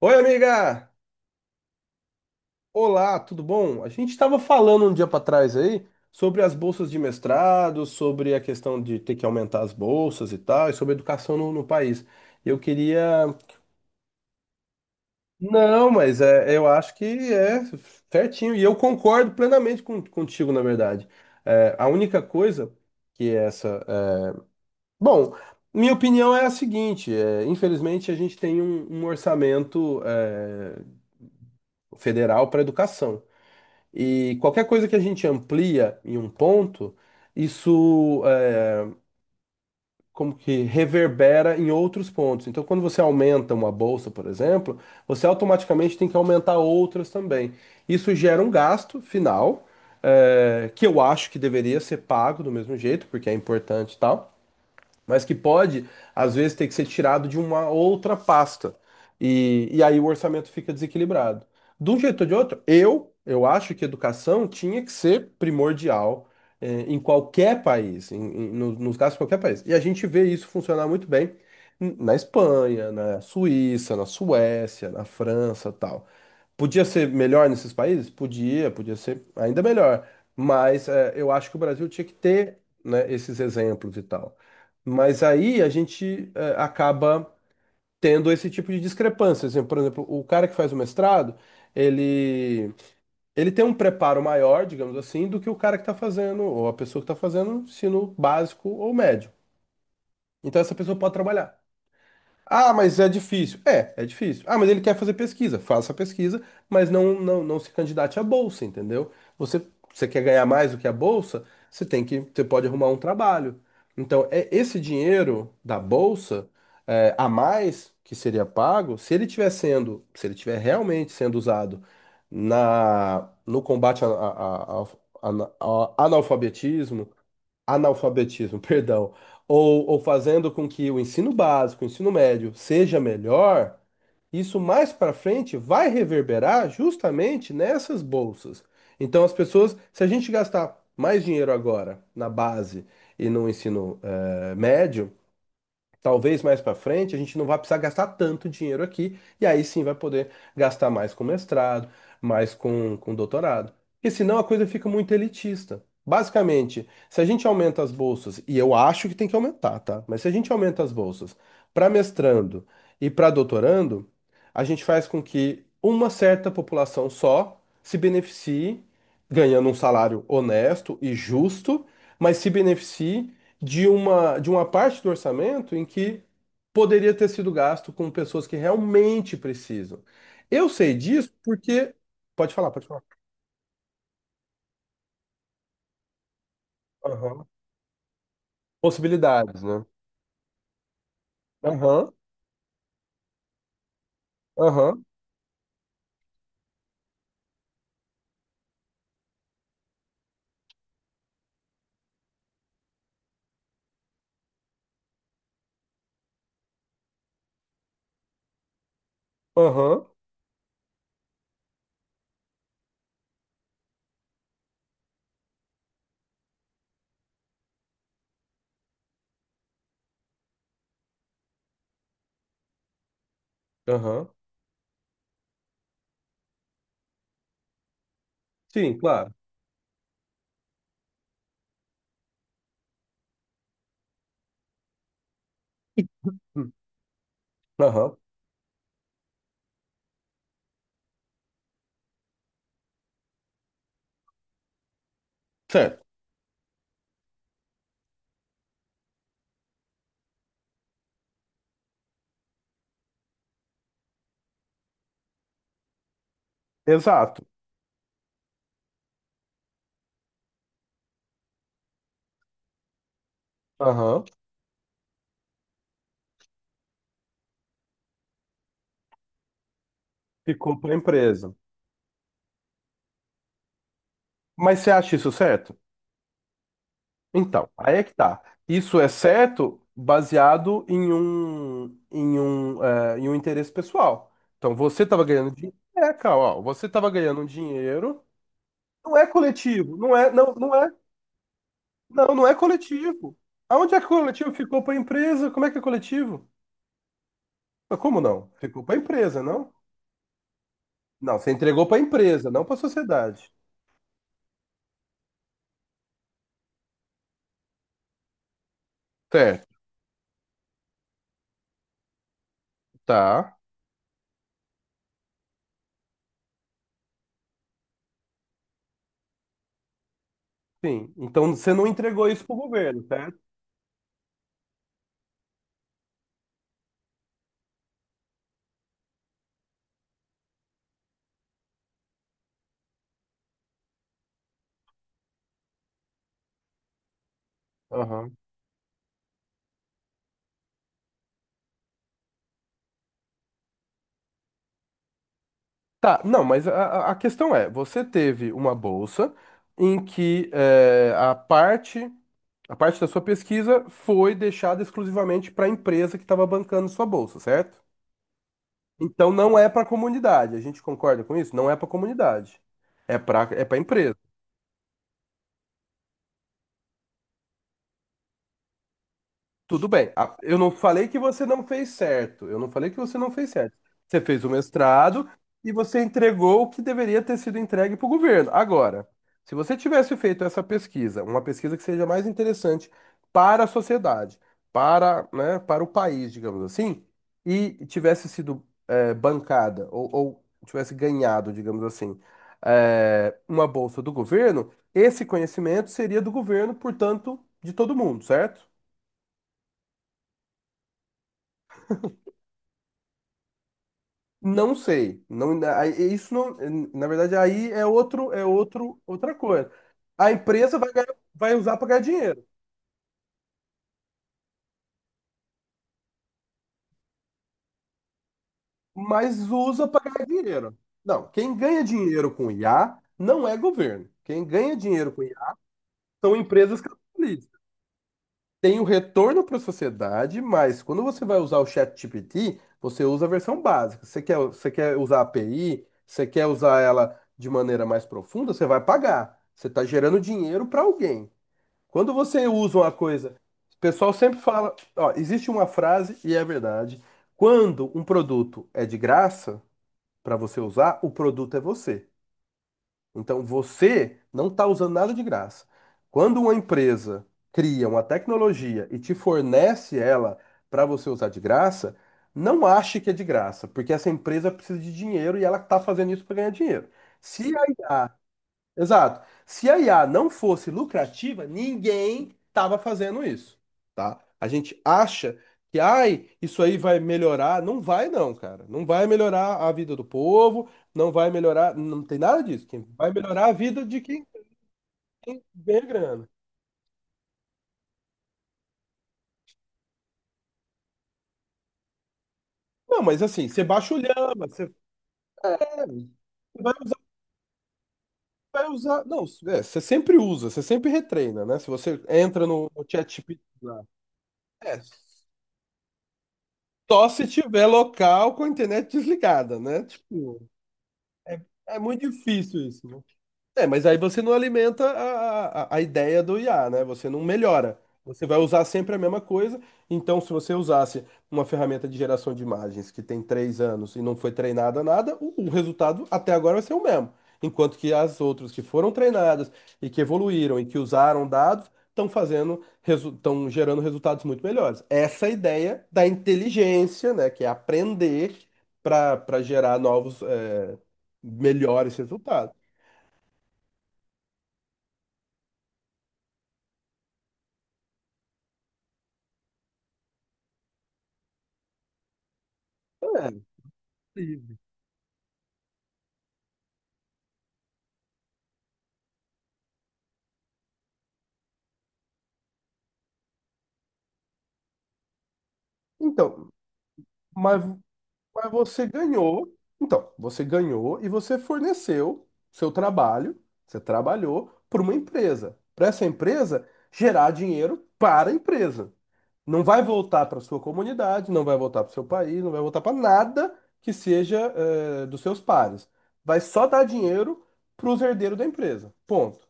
Oi, amiga! Olá, tudo bom? A gente estava falando um dia para trás aí sobre as bolsas de mestrado, sobre a questão de ter que aumentar as bolsas e tal, e sobre educação no país. Eu queria. Não, mas é, eu acho que é certinho, e eu concordo plenamente contigo, na verdade. É, a única coisa que é essa. Bom, minha opinião é a seguinte: infelizmente, a gente tem um orçamento federal para educação. E qualquer coisa que a gente amplia em um ponto, isso é, como que reverbera em outros pontos. Então, quando você aumenta uma bolsa, por exemplo, você automaticamente tem que aumentar outras também. Isso gera um gasto final, que eu acho que deveria ser pago do mesmo jeito, porque é importante e tal, mas que pode, às vezes, ter que ser tirado de uma outra pasta. E aí o orçamento fica desequilibrado. De um jeito ou de outro, eu acho que educação tinha que ser primordial, em qualquer país, nos casos de qualquer país. E a gente vê isso funcionar muito bem na Espanha, na Suíça, na Suécia, na França, tal. Podia ser melhor nesses países? Podia, podia ser ainda melhor. Mas é, eu acho que o Brasil tinha que ter, né, esses exemplos e tal. Mas aí a gente acaba tendo esse tipo de discrepância. Assim, por exemplo, o cara que faz o mestrado, ele, ele tem um preparo maior, digamos assim, do que o cara que está fazendo, ou a pessoa que está fazendo ensino básico ou médio. Então essa pessoa pode trabalhar. Ah, mas é difícil. É, é difícil. Ah, mas ele quer fazer pesquisa. Faça a pesquisa, mas não se candidate à bolsa, entendeu? Você, você quer ganhar mais do que a bolsa, você pode arrumar um trabalho. Então, é esse dinheiro da bolsa a mais que seria pago, se ele tiver realmente sendo usado no combate ao analfabetismo. Analfabetismo, perdão, ou fazendo com que o ensino básico, o ensino médio seja melhor, isso mais para frente vai reverberar justamente nessas bolsas. Então, as pessoas, se a gente gastar mais dinheiro agora na base e no ensino médio, talvez mais para frente a gente não vai precisar gastar tanto dinheiro aqui, e aí sim vai poder gastar mais com mestrado, mais com doutorado. Porque senão a coisa fica muito elitista. Basicamente, se a gente aumenta as bolsas, e eu acho que tem que aumentar, tá? Mas se a gente aumenta as bolsas para mestrando e para doutorando, a gente faz com que uma certa população só se beneficie, ganhando um salário honesto e justo, mas se beneficie de uma parte do orçamento em que poderia ter sido gasto com pessoas que realmente precisam. Eu sei disso porque. Pode falar, pode falar. Aham. Possibilidades, né? Aham, aham, aham, aham. Sim, claro. Hum. Aham. Certo. Exato. Aham. Ficou para a empresa. Mas você acha isso certo? Então, aí é que tá. Isso é certo baseado em um, em um interesse pessoal. Então, você estava ganhando dinheiro. É, cara, ó, você estava ganhando um dinheiro. Não é coletivo, não é coletivo. Aonde é que coletivo? Ficou para a empresa? Como é que é coletivo? Mas como não? Ficou para a empresa, não? Não, você entregou para a empresa, não para a sociedade. Certo, tá. Sim. Então você não entregou isso para o governo, certo? Aham. Tá, não, mas a questão é, você teve uma bolsa em que a parte da sua pesquisa foi deixada exclusivamente para a empresa que estava bancando sua bolsa, certo? Então não é para a comunidade, a gente concorda com isso? Não é para a comunidade, é para... Tudo bem. Eu não falei que você não fez certo. Eu não falei que você não fez certo. Você fez o mestrado e você entregou o que deveria ter sido entregue para o governo. Agora, se você tivesse feito essa pesquisa, uma pesquisa que seja mais interessante para a sociedade, para, né, para o país, digamos assim, e tivesse sido bancada ou tivesse ganhado, digamos assim, uma bolsa do governo, esse conhecimento seria do governo, portanto, de todo mundo, certo? Não sei, não, na verdade aí é outro, outra coisa. A empresa vai ganhar- vai usar para ganhar dinheiro, mas usa para ganhar dinheiro. Não, quem ganha dinheiro com IA não é governo. Quem ganha dinheiro com IA são empresas capitalistas. Tem o retorno para a sociedade, mas quando você vai usar o ChatGPT, você usa a versão básica. Você quer usar a API, você quer usar ela de maneira mais profunda, você vai pagar. Você está gerando dinheiro para alguém. Quando você usa uma coisa, o pessoal sempre fala, ó, existe uma frase e é verdade. Quando um produto é de graça para você usar, o produto é você. Então você não está usando nada de graça. Quando uma empresa cria uma tecnologia e te fornece ela para você usar de graça, não ache que é de graça, porque essa empresa precisa de dinheiro e ela está fazendo isso para ganhar dinheiro. Se a Exato. Se a IA não fosse lucrativa, ninguém estava fazendo isso, tá? A gente acha que, ai, isso aí vai melhorar. Não vai, não, cara. Não vai melhorar a vida do povo, não vai melhorar. Não tem nada disso. Quem vai melhorar a vida de quem quem ganha grana. Não, mas assim, você baixa o lhama, você. É, você vai usar, vai usar. Não, é, você sempre usa, você sempre retreina, né? Se você entra no ChatGPT lá. É. Só se tiver local com a internet desligada, né? Tipo, é, é muito difícil isso, né? É, mas aí você não alimenta a ideia do IA, né? Você não melhora. Você vai usar sempre a mesma coisa. Então, se você usasse uma ferramenta de geração de imagens que tem 3 anos e não foi treinada a nada, o resultado até agora vai ser o mesmo. Enquanto que as outras que foram treinadas e que evoluíram e que usaram dados estão fazendo, estão gerando resultados muito melhores. Essa é a ideia da inteligência, né? Que é aprender para gerar novos, melhores resultados. É. Então, mas, mas você ganhou. Então, você ganhou e você forneceu seu trabalho, você trabalhou para uma empresa. Para essa empresa gerar dinheiro para a empresa. Não vai voltar para sua comunidade, não vai voltar para o seu país, não vai voltar para nada que seja dos seus pares. Vai só dar dinheiro para os herdeiros da empresa. Ponto.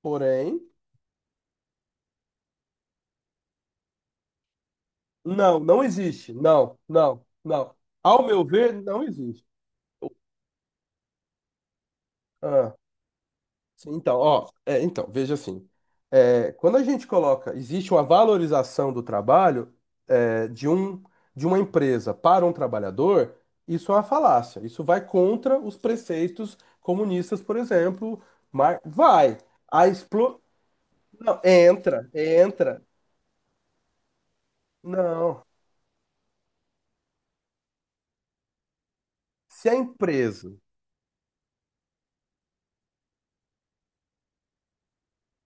Porém, não, não existe. Não. Ao meu ver, não existe. Ah. Sim, então, ó, é, então, veja assim, é, quando a gente coloca, existe uma valorização do trabalho é, de um, de uma empresa para um trabalhador, isso é uma falácia, isso vai contra os preceitos comunistas, por exemplo, mas vai, a explo... Não, entra, entra, não, se a empresa,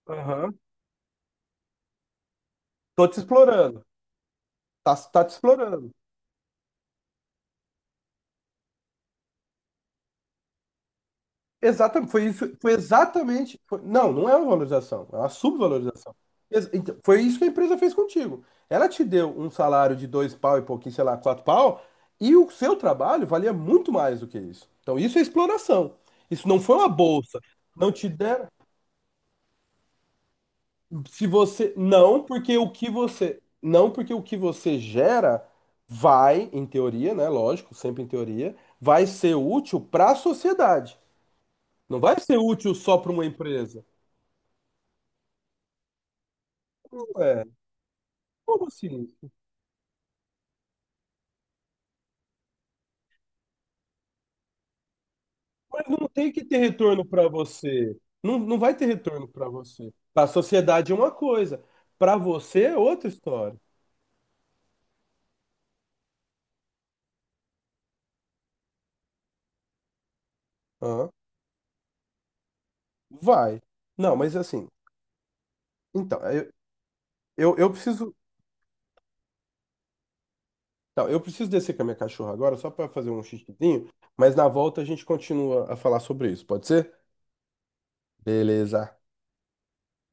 aham, tô te explorando, tá, tá te explorando. Exatamente, foi isso, foi exatamente. Não, não é uma valorização, é uma subvalorização. Então, foi isso que a empresa fez contigo. Ela te deu um salário de dois pau e pouquinho, sei lá, quatro pau, e o seu trabalho valia muito mais do que isso. Então, isso é exploração. Isso não foi uma bolsa. Não te deram. Se você. Não, porque o que você. Não, porque o que você gera vai, em teoria, né? Lógico, sempre em teoria, vai ser útil para a sociedade. Não vai ser útil só para uma empresa. Ué, como assim? Mas não tem que ter retorno para você. Não, não vai ter retorno para você. Para a sociedade é uma coisa, para você é outra história. Hã? Vai. Não, mas assim, então, eu preciso, tá, eu preciso descer com a minha cachorra agora só para fazer um xixizinho, mas na volta a gente continua a falar sobre isso, pode ser? Beleza.